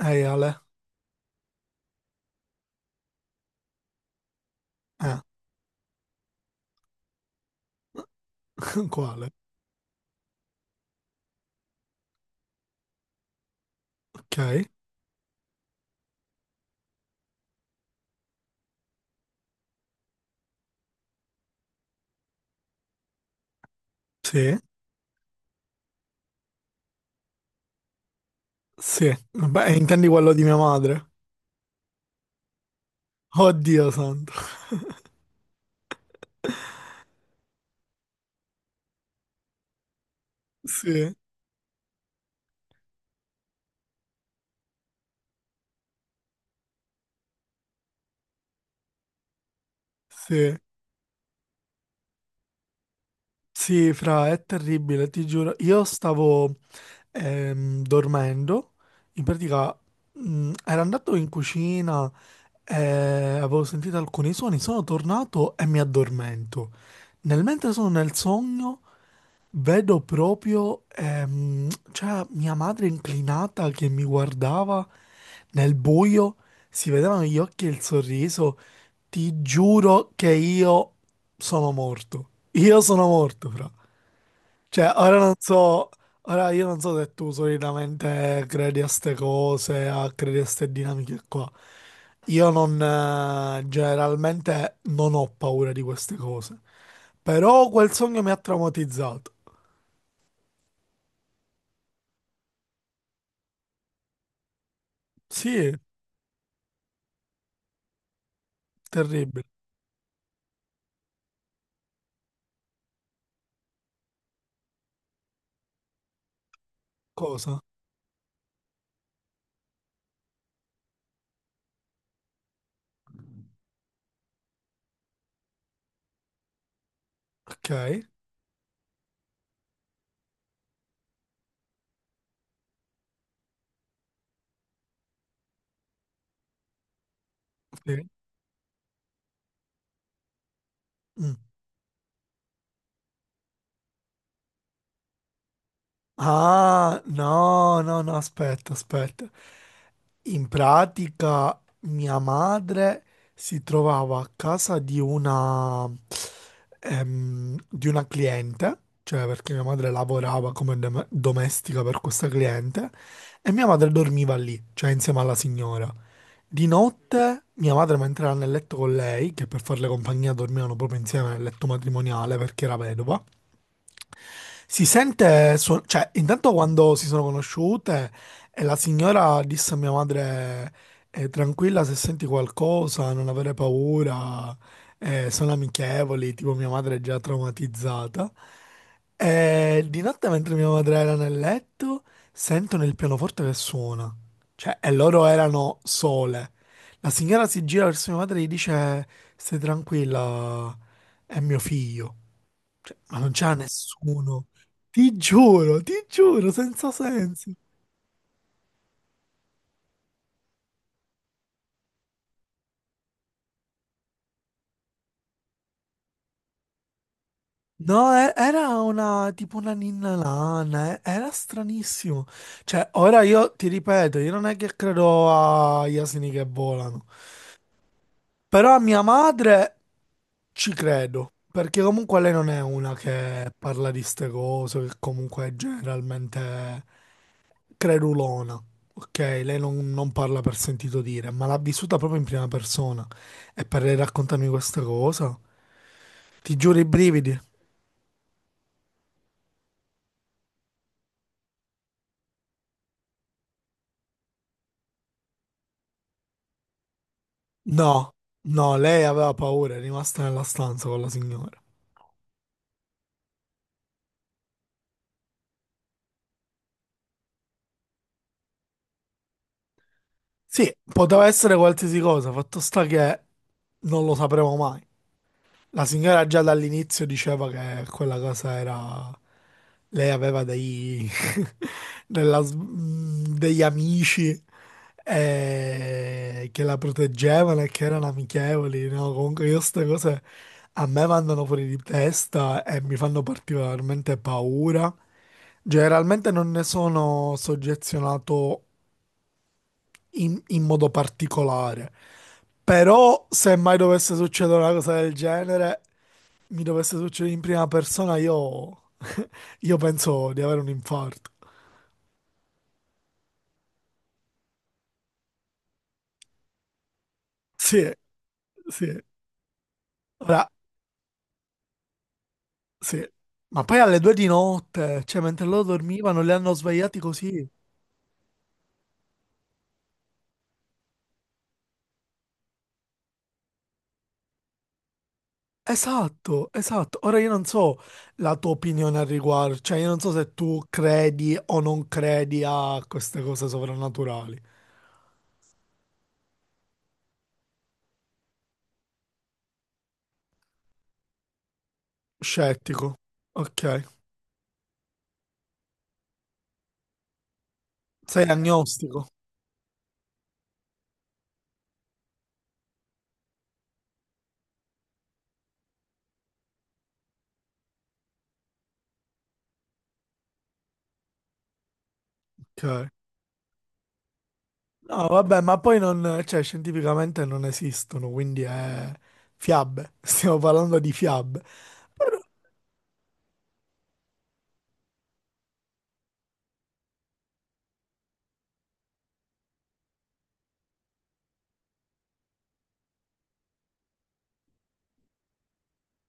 Ehi Ale, eh, quale? Ok, sì, sì, beh, intendi quello di mia madre? Oddio santo, sì, sì, sì, fra, è terribile, ti giuro, io stavo dormendo, in pratica ero andato in cucina e avevo sentito alcuni suoni, sono tornato e mi addormento. Nel mentre sono nel sogno, vedo proprio, cioè, mia madre inclinata che mi guardava. Nel buio si vedevano gli occhi e il sorriso. Ti giuro che io sono morto. Io sono morto, fra. Cioè, ora non so, ora io non so se tu solitamente credi a ste cose, a credi a ste dinamiche qua. Io non, generalmente non ho paura di queste cose. Però quel sogno mi ha traumatizzato. Sì, terribile. Cosa? Ok, sì. Mm. Ah, no, no, no, aspetta, aspetta. In pratica mia madre si trovava a casa di una cliente, cioè perché mia madre lavorava come domestica per questa cliente, e mia madre dormiva lì, cioè insieme alla signora. Di notte mia madre mentre era nel letto con lei, che per farle compagnia dormivano proprio insieme nel letto matrimoniale perché era vedova, si sente, cioè, intanto quando si sono conosciute e la signora disse a mia madre, tranquilla se senti qualcosa, non avere paura, sono amichevoli, tipo mia madre è già traumatizzata. E di notte mentre mia madre era nel letto, sentono il pianoforte che suona, cioè, e loro erano sole. La signora si gira verso mia madre e gli dice, stai tranquilla, è mio figlio. Cioè, ma non c'era nessuno. Ti giuro, senza senso. No, era una tipo una ninna lana, era stranissimo. Cioè, ora io ti ripeto, io non è che credo agli asini che volano, però a mia madre ci credo, perché comunque lei non è una che parla di ste cose, che comunque è generalmente credulona, ok? Lei non, non parla per sentito dire, ma l'ha vissuta proprio in prima persona. E per lei raccontarmi questa cosa, ti giuro i brividi. No, no, lei aveva paura, è rimasta nella stanza con la signora. Sì, poteva essere qualsiasi cosa, fatto sta che non lo sapremo mai. La signora già dall'inizio diceva che quella casa era. Lei aveva degli amici che la proteggevano e che erano amichevoli, no? Comunque io queste cose a me vanno fuori di testa e mi fanno particolarmente paura. Generalmente non ne sono soggezionato in modo particolare, però se mai dovesse succedere una cosa del genere, mi dovesse succedere in prima persona, io penso di avere un infarto. Sì, sì. Ora, sì. Ma poi alle due di notte, cioè mentre loro dormivano, li hanno svegliati così. Esatto, esatto. Ora io non so la tua opinione al riguardo, cioè io non so se tu credi o non credi a queste cose sovrannaturali. Scettico, ok. Sei agnostico, ok. No, vabbè, ma poi non, cioè scientificamente non esistono, quindi è fiabe. Stiamo parlando di fiabe.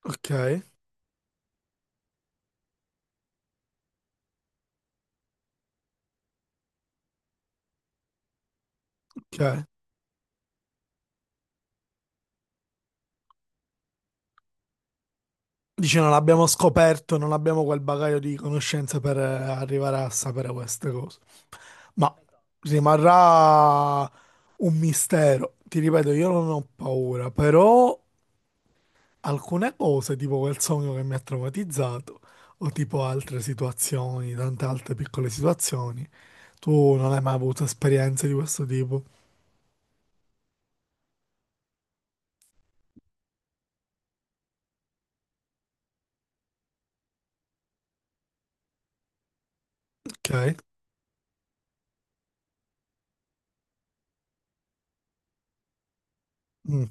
Ok, ok. Dici, non abbiamo scoperto, non abbiamo quel bagaglio di conoscenze per arrivare a sapere queste cose. Ma rimarrà un mistero. Ti ripeto, io non ho paura, però alcune cose, tipo quel sogno che mi ha traumatizzato, o tipo altre situazioni, tante altre piccole situazioni, tu non hai mai avuto esperienze di questo tipo? Ok. Mm.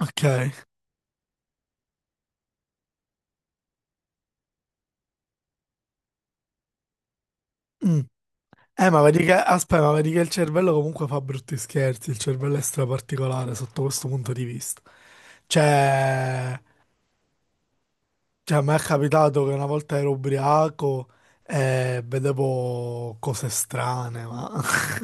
Ok. Mm. Ma vedi che, aspetta, ma vedi che il cervello comunque fa brutti scherzi, il cervello è straparticolare sotto questo punto di vista. Cioè, cioè, a me è capitato che una volta ero ubriaco e vedevo cose strane, ma...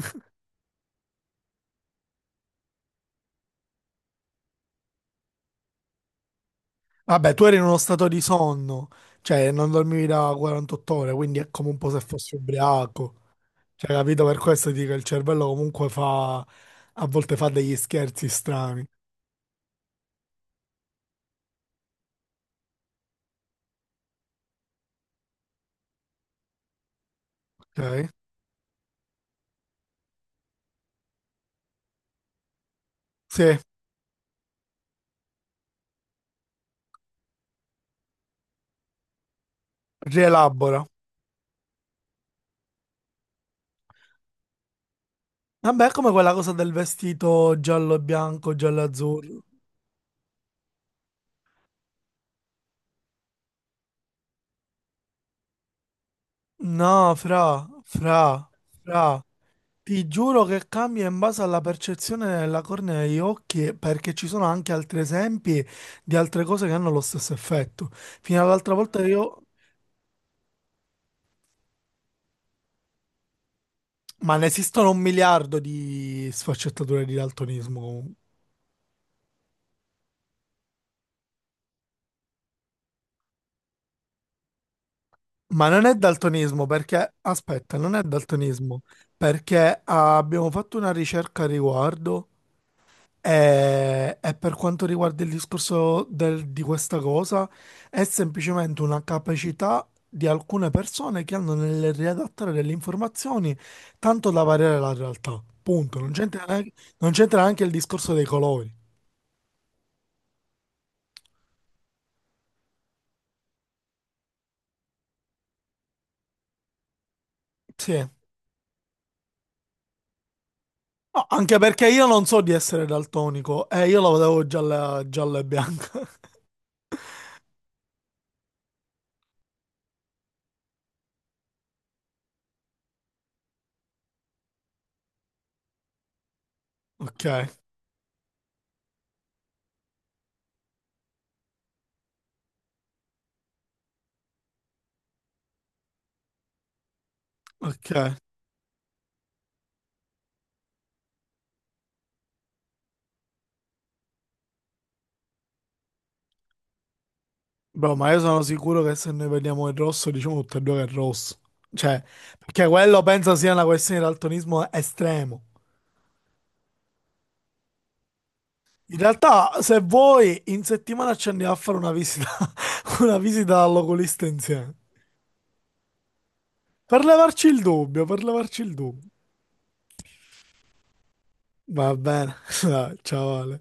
Vabbè, tu eri in uno stato di sonno, cioè non dormivi da 48 ore, quindi è come un po' se fossi ubriaco. Cioè, capito? Per questo dico che il cervello comunque fa... a volte fa degli scherzi strani, ok? Sì, rielabora. Vabbè, è come quella cosa del vestito giallo e bianco, giallo e azzurro. No, fra, fra, fra. Ti giuro che cambia in base alla percezione della cornea degli occhi, perché ci sono anche altri esempi di altre cose che hanno lo stesso effetto. Fino all'altra volta io... Ma ne esistono un miliardo di sfaccettature di daltonismo comunque. Ma non è daltonismo perché, aspetta, non è daltonismo perché abbiamo fatto una ricerca a riguardo. E per quanto riguarda il discorso di questa cosa, è semplicemente una capacità di alcune persone che hanno nel riadattare delle informazioni tanto da variare la realtà. Punto. Non c'entra neanche, non c'entra neanche il discorso dei colori. Sì. No, anche perché io non so di essere daltonico e io la vedevo gialla, gialla e bianca. Ok, ok. Bro, ma io sono sicuro che se noi vediamo il rosso, diciamo tutti e due che è rosso. Cioè, perché quello penso sia una questione di daltonismo estremo. In realtà, se vuoi, in settimana ci andiamo a fare una visita, una visita all'oculista insieme. Per levarci il dubbio, per levarci il dubbio. Va bene, dai, ciao Ale.